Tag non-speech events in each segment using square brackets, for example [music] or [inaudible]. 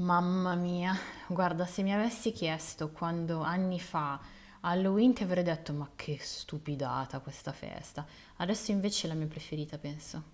Mamma mia, guarda, se mi avessi chiesto quando anni fa Halloween ti avrei detto ma che stupidata questa festa. Adesso invece è la mia preferita, penso.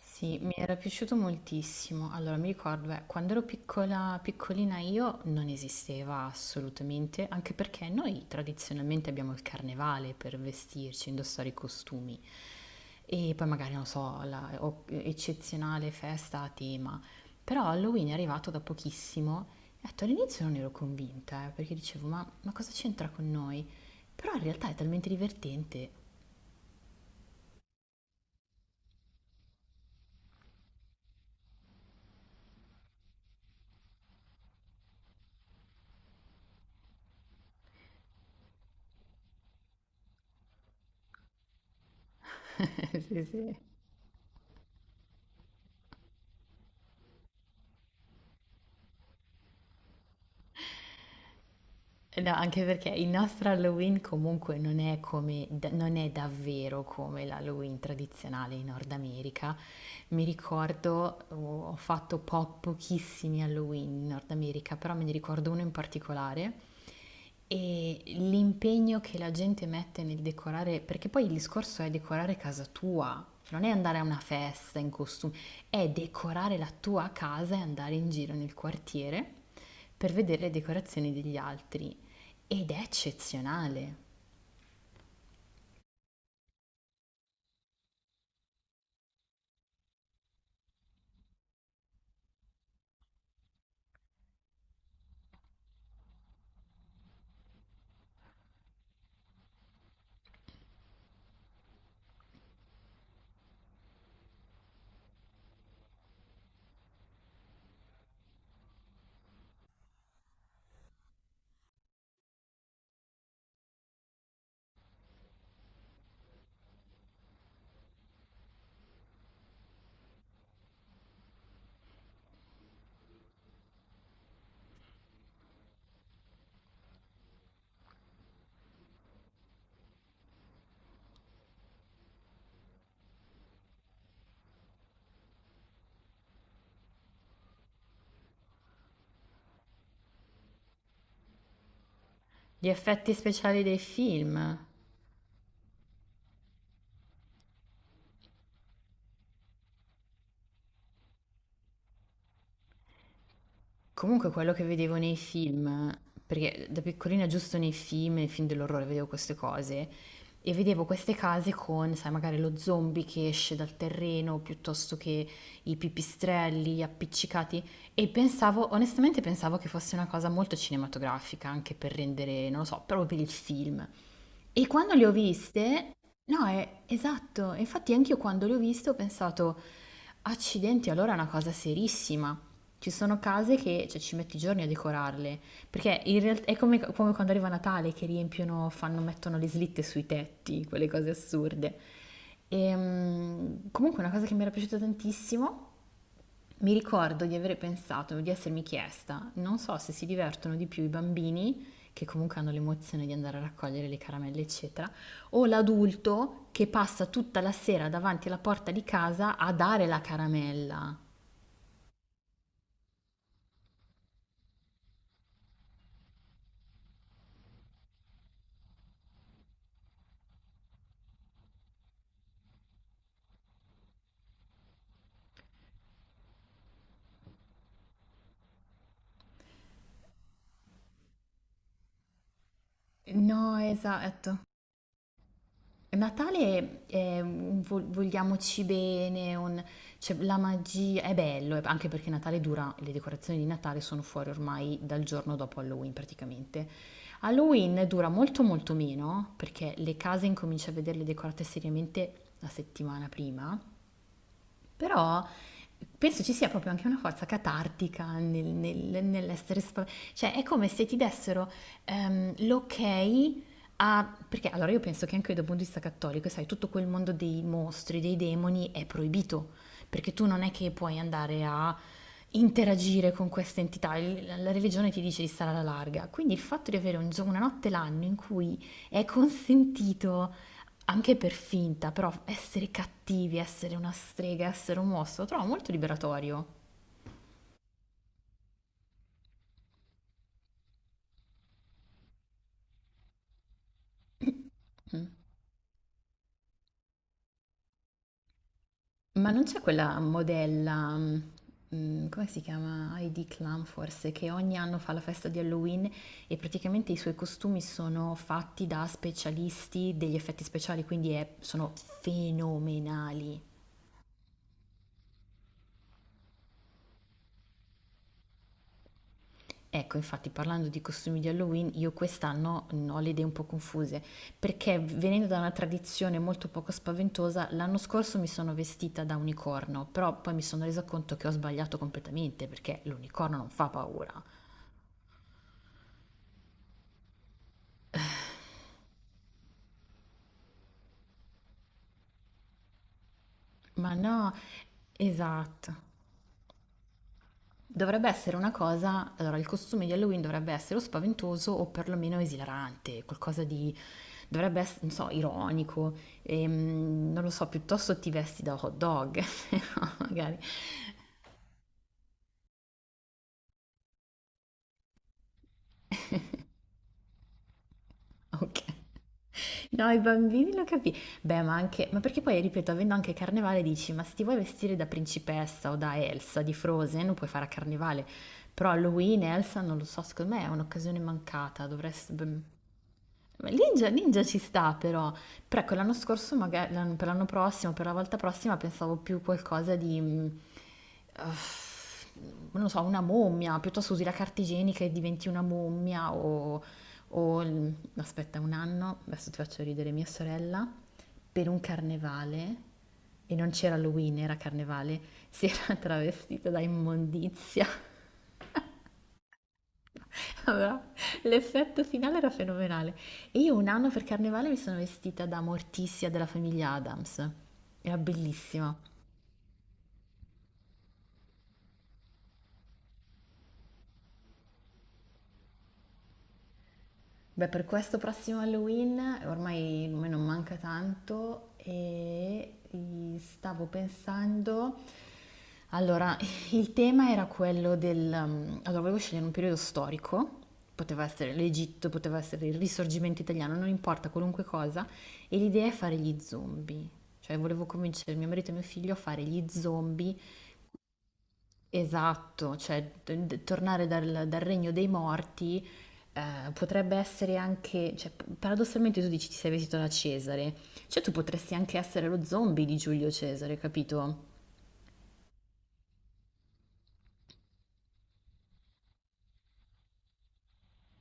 Sì, mi era piaciuto moltissimo. Allora, mi ricordo, quando ero piccola, piccolina io non esisteva assolutamente, anche perché noi tradizionalmente abbiamo il carnevale per vestirci, indossare i costumi. E poi magari, non so, eccezionale festa a tema. Però Halloween è arrivato da pochissimo. E detto, all'inizio non ero convinta, perché dicevo, ma cosa c'entra con noi? Però in realtà è talmente divertente. [laughs] Sì, sì. No, anche perché il nostro Halloween comunque non è come, non è davvero come l'Halloween tradizionale in Nord America. Mi ricordo, oh, ho fatto pochissimi Halloween in Nord America, però me ne ricordo uno in particolare e l'impegno che la gente mette nel decorare, perché poi il discorso è decorare casa tua, non è andare a una festa in costume, è decorare la tua casa e andare in giro nel quartiere per vedere le decorazioni degli altri. Ed è eccezionale. Gli effetti speciali dei film. Comunque quello che vedevo nei film, perché da piccolina giusto nei film dell'orrore vedevo queste cose e vedevo queste case con, sai, magari lo zombie che esce dal terreno piuttosto che i pipistrelli appiccicati e pensavo, onestamente pensavo che fosse una cosa molto cinematografica, anche per rendere, non lo so, proprio per il film. E quando le ho viste, no, è esatto, infatti anch'io quando le ho viste ho pensato, accidenti, allora è una cosa serissima. Ci sono case che cioè, ci metti giorni a decorarle, perché in realtà è come quando arriva Natale che riempiono, fanno, mettono le slitte sui tetti, quelle cose assurde. E, comunque è una cosa che mi era piaciuta tantissimo, mi ricordo di aver pensato, di essermi chiesta, non so se si divertono di più i bambini, che comunque hanno l'emozione di andare a raccogliere le caramelle, eccetera, o l'adulto che passa tutta la sera davanti alla porta di casa a dare la caramella. No, esatto. Natale è un vogliamoci bene, un- cioè, la magia è bello, anche perché Natale dura, le decorazioni di Natale sono fuori ormai dal giorno dopo Halloween praticamente. Halloween dura molto molto meno perché le case incominci a vederle decorate seriamente la settimana prima, però penso ci sia proprio anche una forza catartica nell'essere spaventati. Cioè, è come se ti dessero l'ok a... Perché allora io penso che anche dal punto di vista cattolico, sai, tutto quel mondo dei mostri, dei demoni è proibito, perché tu non è che puoi andare a interagire con queste entità. La religione ti dice di stare alla larga. Quindi il fatto di avere un una notte l'anno in cui è consentito anche per finta, però essere cattivi, essere una strega, essere un mostro, lo trovo molto liberatorio. Mm. Ma non c'è quella modella, come si chiama? Heidi Klum forse, che ogni anno fa la festa di Halloween e praticamente i suoi costumi sono fatti da specialisti degli effetti speciali, quindi sono fenomenali. Ecco, infatti parlando di costumi di Halloween, io quest'anno ho le idee un po' confuse, perché venendo da una tradizione molto poco spaventosa, l'anno scorso mi sono vestita da unicorno, però poi mi sono resa conto che ho sbagliato completamente, perché l'unicorno non fa paura. Ma no, esatto. Dovrebbe essere una cosa, allora il costume di Halloween dovrebbe essere o spaventoso o perlomeno esilarante, qualcosa di, dovrebbe essere, non so, ironico, non lo so, piuttosto ti vesti da hot dog, [laughs] no, magari, ok. No, i bambini lo capì. Beh, ma anche, ma perché poi, ripeto, avendo anche Carnevale dici, ma se ti vuoi vestire da principessa o da Elsa di Frozen, lo puoi fare a Carnevale, però Halloween, Elsa, non lo so, secondo me è un'occasione mancata, dovresti... Ma Ninja, Ninja ci sta però, però ecco, l'anno scorso, magari, per l'anno prossimo, per la volta prossima pensavo più qualcosa di, uff, non lo so, una mummia, piuttosto usi la carta igienica e diventi una mummia o, aspetta un anno, adesso ti faccio ridere mia sorella, per un carnevale, e non c'era Halloween, era carnevale, si era [laughs] travestita da immondizia. Allora, l'effetto finale era fenomenale. E io un anno per carnevale mi sono vestita da Morticia della famiglia Adams. Era bellissima. Beh, per questo prossimo Halloween ormai me non manca tanto e stavo pensando, allora, [laughs] il tema era quello del... allora, volevo scegliere un periodo storico, poteva essere l'Egitto, poteva essere il Risorgimento italiano, non importa, qualunque cosa, e l'idea è fare gli zombie. Cioè, volevo convincere mio marito e mio figlio a fare gli zombie. Esatto, cioè tornare dal regno dei morti. Eh, potrebbe essere anche, cioè, paradossalmente tu dici ti sei vestito da Cesare, cioè tu potresti anche essere lo zombie di Giulio Cesare, capito?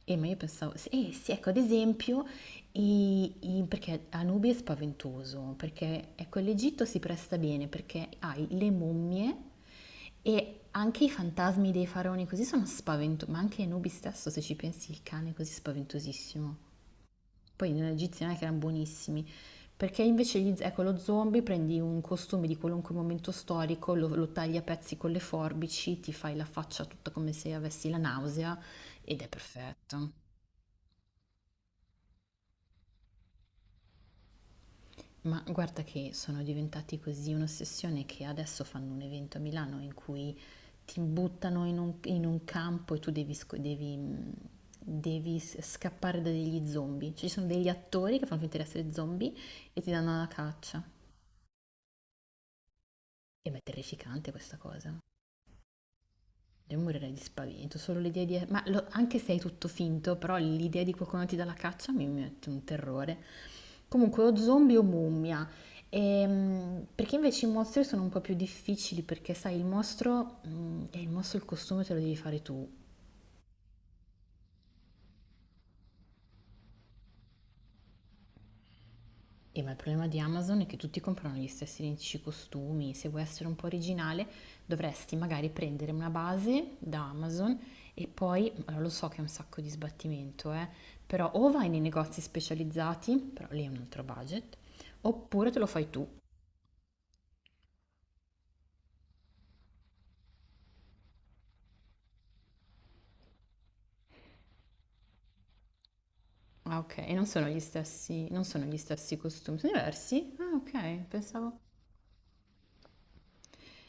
E ma io pensavo, sì, sì, ecco, ad esempio, perché Anubi è spaventoso, perché ecco, l'Egitto si presta bene, perché hai le mummie e anche i fantasmi dei faraoni così sono spaventosi, ma anche Anubi stesso, se ci pensi, il cane è così spaventosissimo. Poi nella egiziana che erano buonissimi. Perché invece gli, ecco, lo zombie prendi un costume di qualunque momento storico, lo tagli a pezzi con le forbici, ti fai la faccia tutta come se avessi la nausea ed è perfetto. Ma guarda che sono diventati così un'ossessione che adesso fanno un evento a Milano in cui ti buttano in un campo e tu devi, scappare da degli zombie. Cioè, ci sono degli attori che fanno finta di essere zombie e ti danno la caccia. E ma è terrificante questa cosa. Io morirei di spavento, solo l'idea di... Ma anche se è tutto finto, però l'idea di qualcuno ti dà la caccia mi mette un terrore. Comunque, o zombie o mummia. Perché invece i mostri sono un po' più difficili, perché sai, il mostro il costume te lo devi fare tu. Ma il problema di Amazon è che tutti comprano gli stessi identici costumi. Se vuoi essere un po' originale, dovresti magari prendere una base da Amazon e poi, allora, lo so che è un sacco di sbattimento, però o vai nei negozi specializzati, però lì è un altro budget, oppure te lo fai tu. Ah, ok, e non sono gli stessi, non sono gli stessi costumi, sono diversi? Ah, ok, pensavo.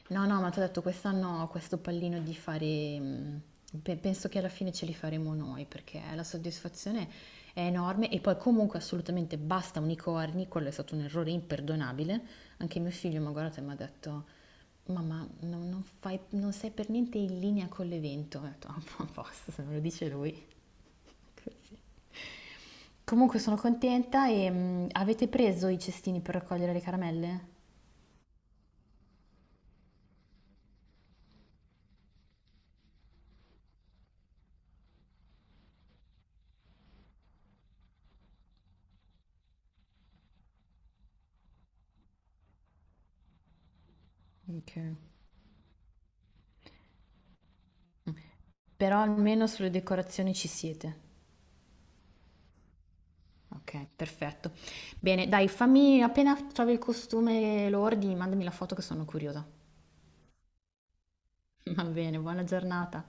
No, no, ma ti ho detto, quest'anno ho questo pallino di fare, penso che alla fine ce li faremo noi, perché la soddisfazione è enorme e poi comunque assolutamente basta unicorni, quello è stato un errore imperdonabile. Anche mio figlio mi ha guardato e mi ha detto, mamma, non non sei per niente in linea con l'evento. Ho detto, "Ah, a posto, se me lo dice lui." [laughs] Così. Comunque sono contenta e avete preso i cestini per raccogliere le caramelle? Ok. Però almeno sulle decorazioni ci siete. Okay, perfetto. Bene, dai, fammi appena trovi il costume e lo ordini, mandami la foto che sono curiosa. [laughs] Va bene, buona giornata.